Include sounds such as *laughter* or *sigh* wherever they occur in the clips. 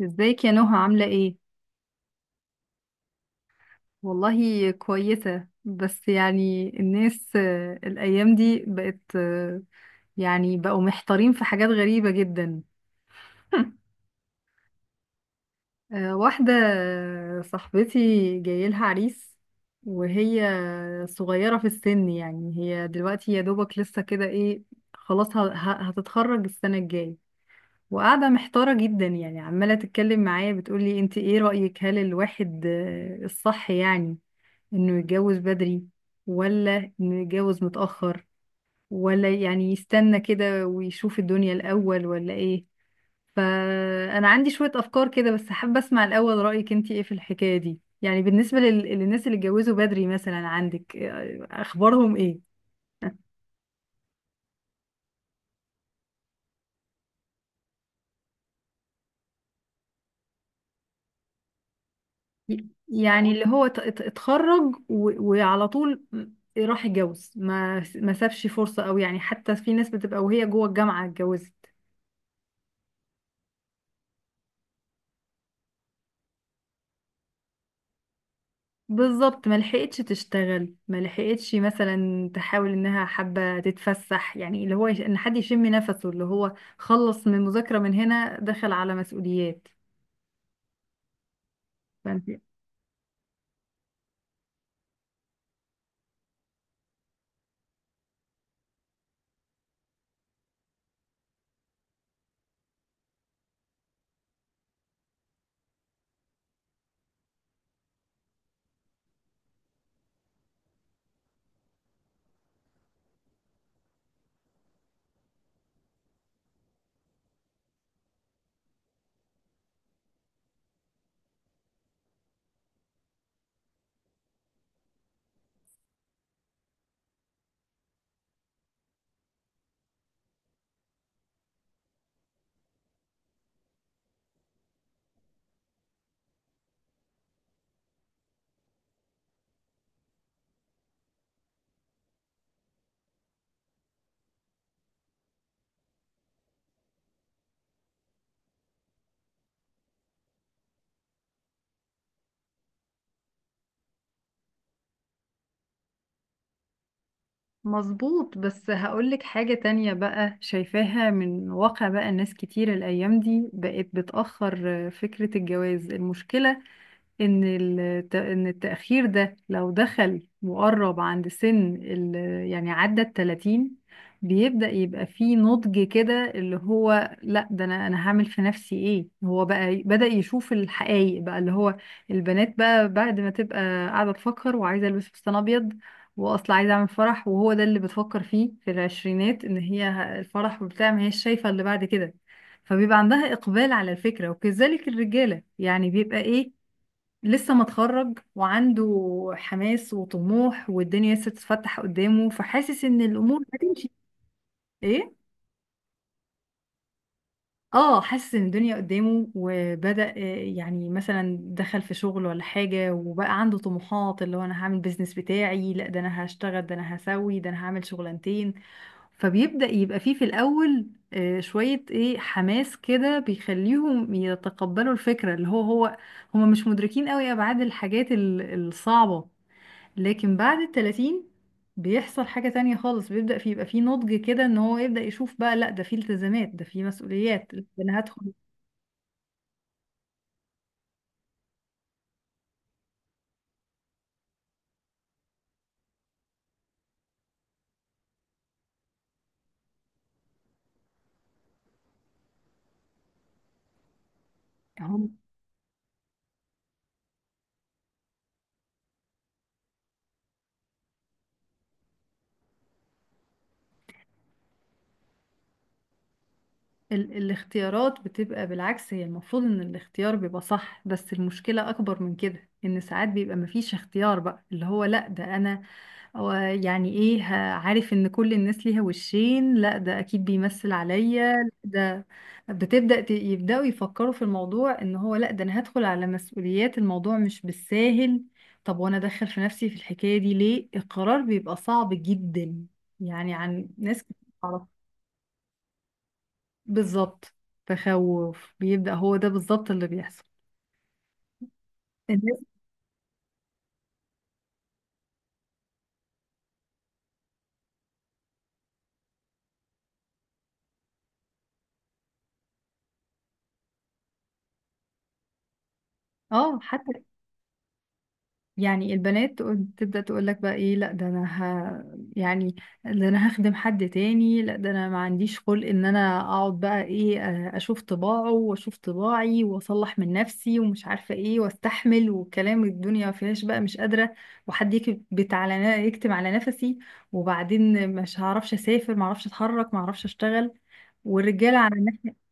ازيك يا نهى، عاملة ايه؟ والله كويسة، بس يعني الناس، الأيام دي بقت، يعني بقوا محتارين في حاجات غريبة جدا. *laughs* واحدة صاحبتي جايلها عريس، وهي صغيرة في السن. يعني هي دلوقتي يا دوبك لسه كده ايه، خلاص هتتخرج السنة الجاية. وقاعدة محتارة جدا، يعني عمالة تتكلم معايا، بتقولي انت ايه رأيك؟ هل الواحد الصح يعني انه يتجوز بدري، ولا انه يتجوز متأخر، ولا يعني يستنى كده ويشوف الدنيا الأول، ولا ايه؟ فأنا عندي شوية أفكار كده، بس حابة أسمع الأول رأيك انتي ايه في الحكاية دي. يعني بالنسبة للناس اللي اتجوزوا بدري، مثلا عندك أخبارهم ايه؟ يعني اللي هو اتخرج وعلى طول راح يتجوز، ما سابش فرصة، أو يعني حتى في ناس بتبقى وهي جوه الجامعة اتجوزت. بالظبط، ما لحقتش تشتغل، ما لحقتش مثلا تحاول انها حابه تتفسح. يعني اللي هو ان حد يشم نفسه، اللي هو خلص من مذاكره من هنا دخل على مسؤوليات. فانت مظبوط، بس هقولك حاجه تانية بقى شايفاها من واقع. بقى الناس كتير الايام دي بقت بتأخر فكره الجواز. المشكله ان التأخير ده لو دخل وقرب عند سن يعني عدى التلاتين، بيبدأ يبقى فيه نضج كده، اللي هو لا ده انا هعمل في نفسي ايه، هو بقى بدأ يشوف الحقائق. بقى اللي هو البنات بقى بعد ما تبقى قاعدة تفكر وعايزة البس فستان ابيض، واصلا عايزة اعمل فرح، وهو ده اللي بتفكر فيه في العشرينات، ان هي الفرح وبتاع، ما هيش شايفة اللي بعد كده. فبيبقى عندها إقبال على الفكرة، وكذلك الرجالة يعني بيبقى إيه، لسه متخرج وعنده حماس وطموح، والدنيا لسه تتفتح قدامه، فحاسس ان الامور هتمشي. ايه، اه حاسس ان الدنيا قدامه، وبدأ يعني مثلا دخل في شغل ولا حاجة، وبقى عنده طموحات اللي هو انا هعمل بيزنس بتاعي، لا ده انا هشتغل، ده انا هسوي، ده انا هعمل شغلانتين. فبيبدأ يبقى فيه في الاول شوية ايه حماس كده، بيخليهم يتقبلوا الفكرة، اللي هو هما مش مدركين قوي ابعاد الحاجات الصعبة. لكن بعد التلاتين بيحصل حاجة تانية خالص، بيبدأ في يبقى في نضج كده، ان هو يبدأ يشوف بقى، لا ده في التزامات، ده في مسؤوليات، انا هدخل. هم. ال الاختيارات بتبقى بالعكس، هي المفروض ان الاختيار بيبقى صح، بس المشكلة اكبر من كده، ان ساعات بيبقى مفيش اختيار بقى، اللي هو لا ده انا هو يعني ايه، عارف ان كل الناس ليها وشين، لا ده اكيد بيمثل عليا، لا ده بتبدأ يبدأوا يفكروا في الموضوع، ان هو لا ده انا هدخل على مسؤوليات، الموضوع مش بالساهل. طب وانا ادخل في نفسي في الحكاية دي ليه، القرار بيبقى صعب جدا يعني عن ناس كتير. تعرف، بالظبط، تخوف بيبدأ، هو ده بالظبط اللي بيحصل الناس. اه حتى يعني البنات تبدأ تقول لك بقى ايه، لا ده انا ه... يعني ده انا هخدم حد تاني، لا ده انا ما عنديش خلق ان انا اقعد بقى ايه اشوف طباعه واشوف طباعي، واصلح من نفسي ومش عارفة ايه، واستحمل وكلام الدنيا ما فيهاش بقى مش قادرة، وحد يكبت على يكتم على نفسي. وبعدين مش هعرفش اسافر، ما اعرفش اتحرك، ما اعرفش اشتغل. والرجالة على الناحية،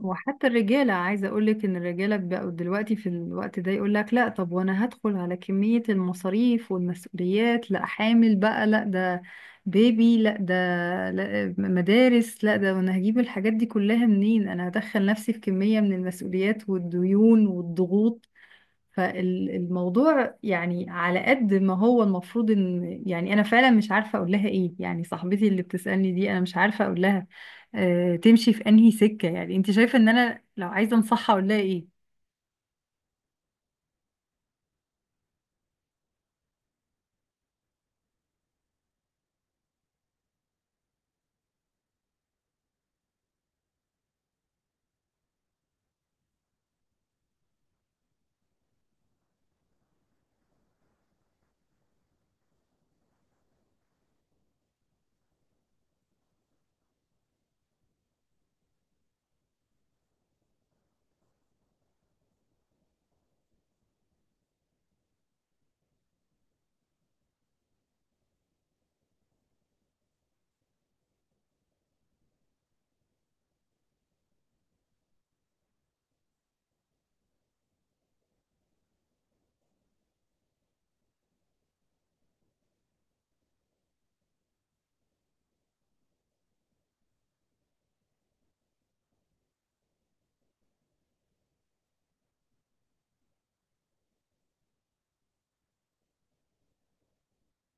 وحتى الرجالة، عايزة أقولك إن الرجالة بقوا دلوقتي في الوقت ده يقولك لأ، طب وأنا هدخل على كمية المصاريف والمسؤوليات، لأ حامل بقى، لأ ده بيبي، لأ ده لأ مدارس، لأ ده، وأنا هجيب الحاجات دي كلها منين؟ أنا هدخل نفسي في كمية من المسؤوليات والديون والضغوط. فالموضوع يعني على قد ما هو المفروض ان، يعني انا فعلا مش عارفه اقول لها ايه. يعني صاحبتي اللي بتسالني دي انا مش عارفه اقول لها تمشي في انهي سكه. يعني انت شايفه ان انا لو عايزه انصحها اقول لها ايه؟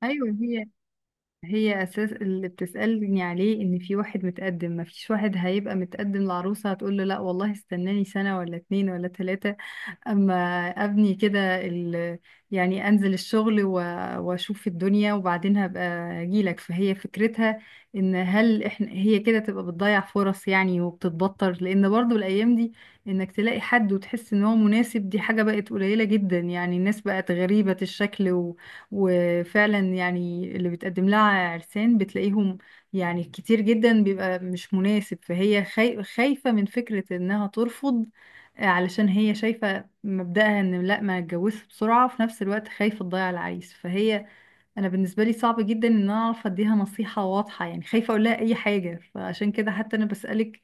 ايوه، هي اساس اللي بتسالني عليه ان في واحد متقدم، ما فيش واحد هيبقى متقدم لعروسه هتقول له لا والله استناني سنه ولا اتنين ولا تلاته، اما ابني كده يعني انزل الشغل واشوف الدنيا وبعدين هبقى اجيلك. فهي فكرتها ان هل احنا هي كده تبقى بتضيع فرص يعني، وبتتبطر، لان برضو الايام دي انك تلاقي حد وتحس ان هو مناسب دي حاجة بقت قليلة جدا. يعني الناس بقت غريبة الشكل، وفعلا يعني اللي بتقدم لها عرسان بتلاقيهم يعني كتير جدا بيبقى مش مناسب، فهي خايفة من فكرة انها ترفض. علشان هي شايفة مبدأها ان لا، ما اتجوزش بسرعة، وفي نفس الوقت خايفة تضيع العريس. فهي انا بالنسبة لي صعب جدا ان انا اعرف اديها نصيحة واضحة، يعني خايفة اقول لها اي حاجة، فعشان كده حتى انا بسألك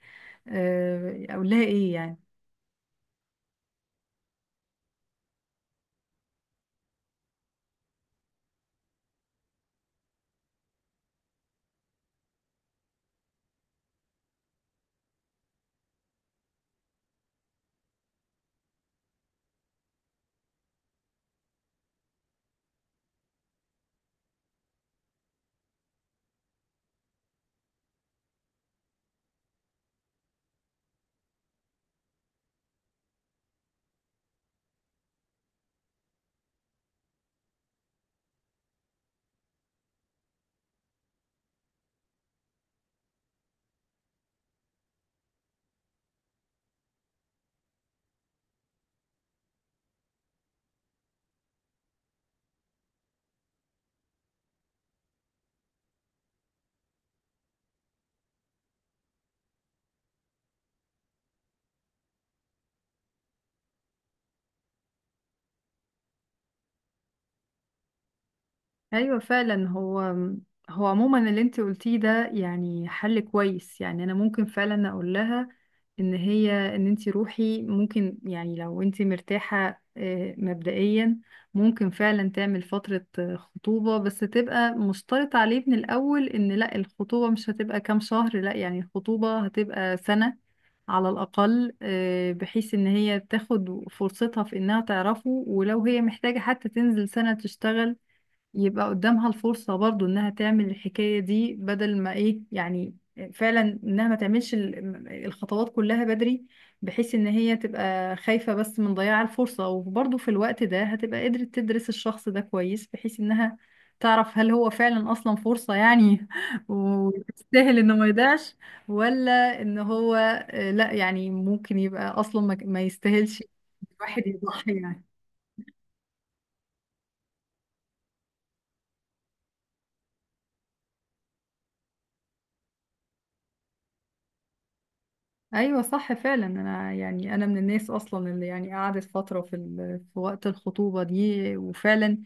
اقول لها ايه يعني؟ ايوه فعلا، هو عموما اللي انت قلتيه ده يعني حل كويس. يعني انا ممكن فعلا اقول لها ان هي، ان انت روحي، ممكن، يعني لو انت مرتاحة مبدئيا، ممكن فعلا تعمل فترة خطوبة، بس تبقى مشترط عليه من الاول ان لا الخطوبة مش هتبقى كام شهر، لا يعني الخطوبة هتبقى سنة على الأقل، بحيث إن هي تاخد فرصتها في إنها تعرفه. ولو هي محتاجة حتى تنزل سنة تشتغل يبقى قدامها الفرصة برضو انها تعمل الحكاية دي، بدل ما ايه يعني فعلا انها ما تعملش الخطوات كلها بدري، بحيث ان هي تبقى خايفة بس من ضياع الفرصة، وبرضو في الوقت ده هتبقى قدرت تدرس الشخص ده كويس، بحيث انها تعرف هل هو فعلا اصلا فرصة يعني *laughs* ويستاهل انه ما يضيعش، ولا ان هو لا يعني ممكن يبقى اصلا ما يستاهلش الواحد يضحي يعني. ايوه صح فعلا، انا يعني انا من الناس اصلا اللي يعني قعدت فتره في في وقت الخطوبه دي، وفعلا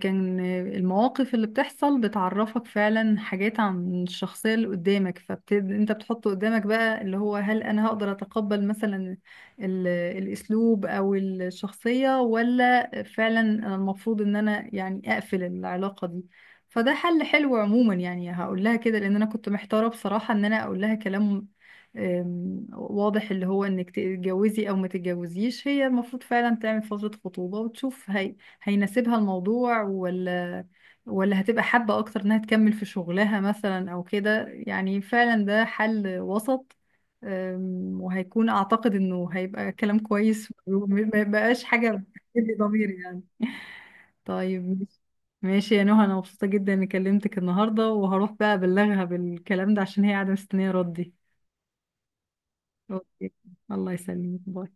كان المواقف اللي بتحصل بتعرفك فعلا حاجات عن الشخصيه اللي قدامك، انت بتحط قدامك بقى اللي هو هل انا هقدر اتقبل مثلا ال... الاسلوب او الشخصيه، ولا فعلا أنا المفروض ان انا يعني اقفل العلاقه دي. فده حل حلو عموما يعني، هقول لها كده، لان انا كنت محتاره بصراحه ان انا اقول لها كلام واضح، اللي هو انك تتجوزي او ما تتجوزيش. هي المفروض فعلا تعمل فترة خطوبة وتشوف هي هيناسبها الموضوع ولا، ولا هتبقى حابة اكتر انها تكمل في شغلها مثلا او كده. يعني فعلا ده حل وسط، وهيكون اعتقد انه هيبقى كلام كويس، وما يبقاش حاجة بتأذي ضميري يعني. طيب، ماشي. ماشي يا نهى، انا مبسوطة جدا اني كلمتك النهاردة، وهروح بقى ابلغها بالكلام ده عشان هي قاعدة مستنية ردي. أوكي. الله يسلمك، باي.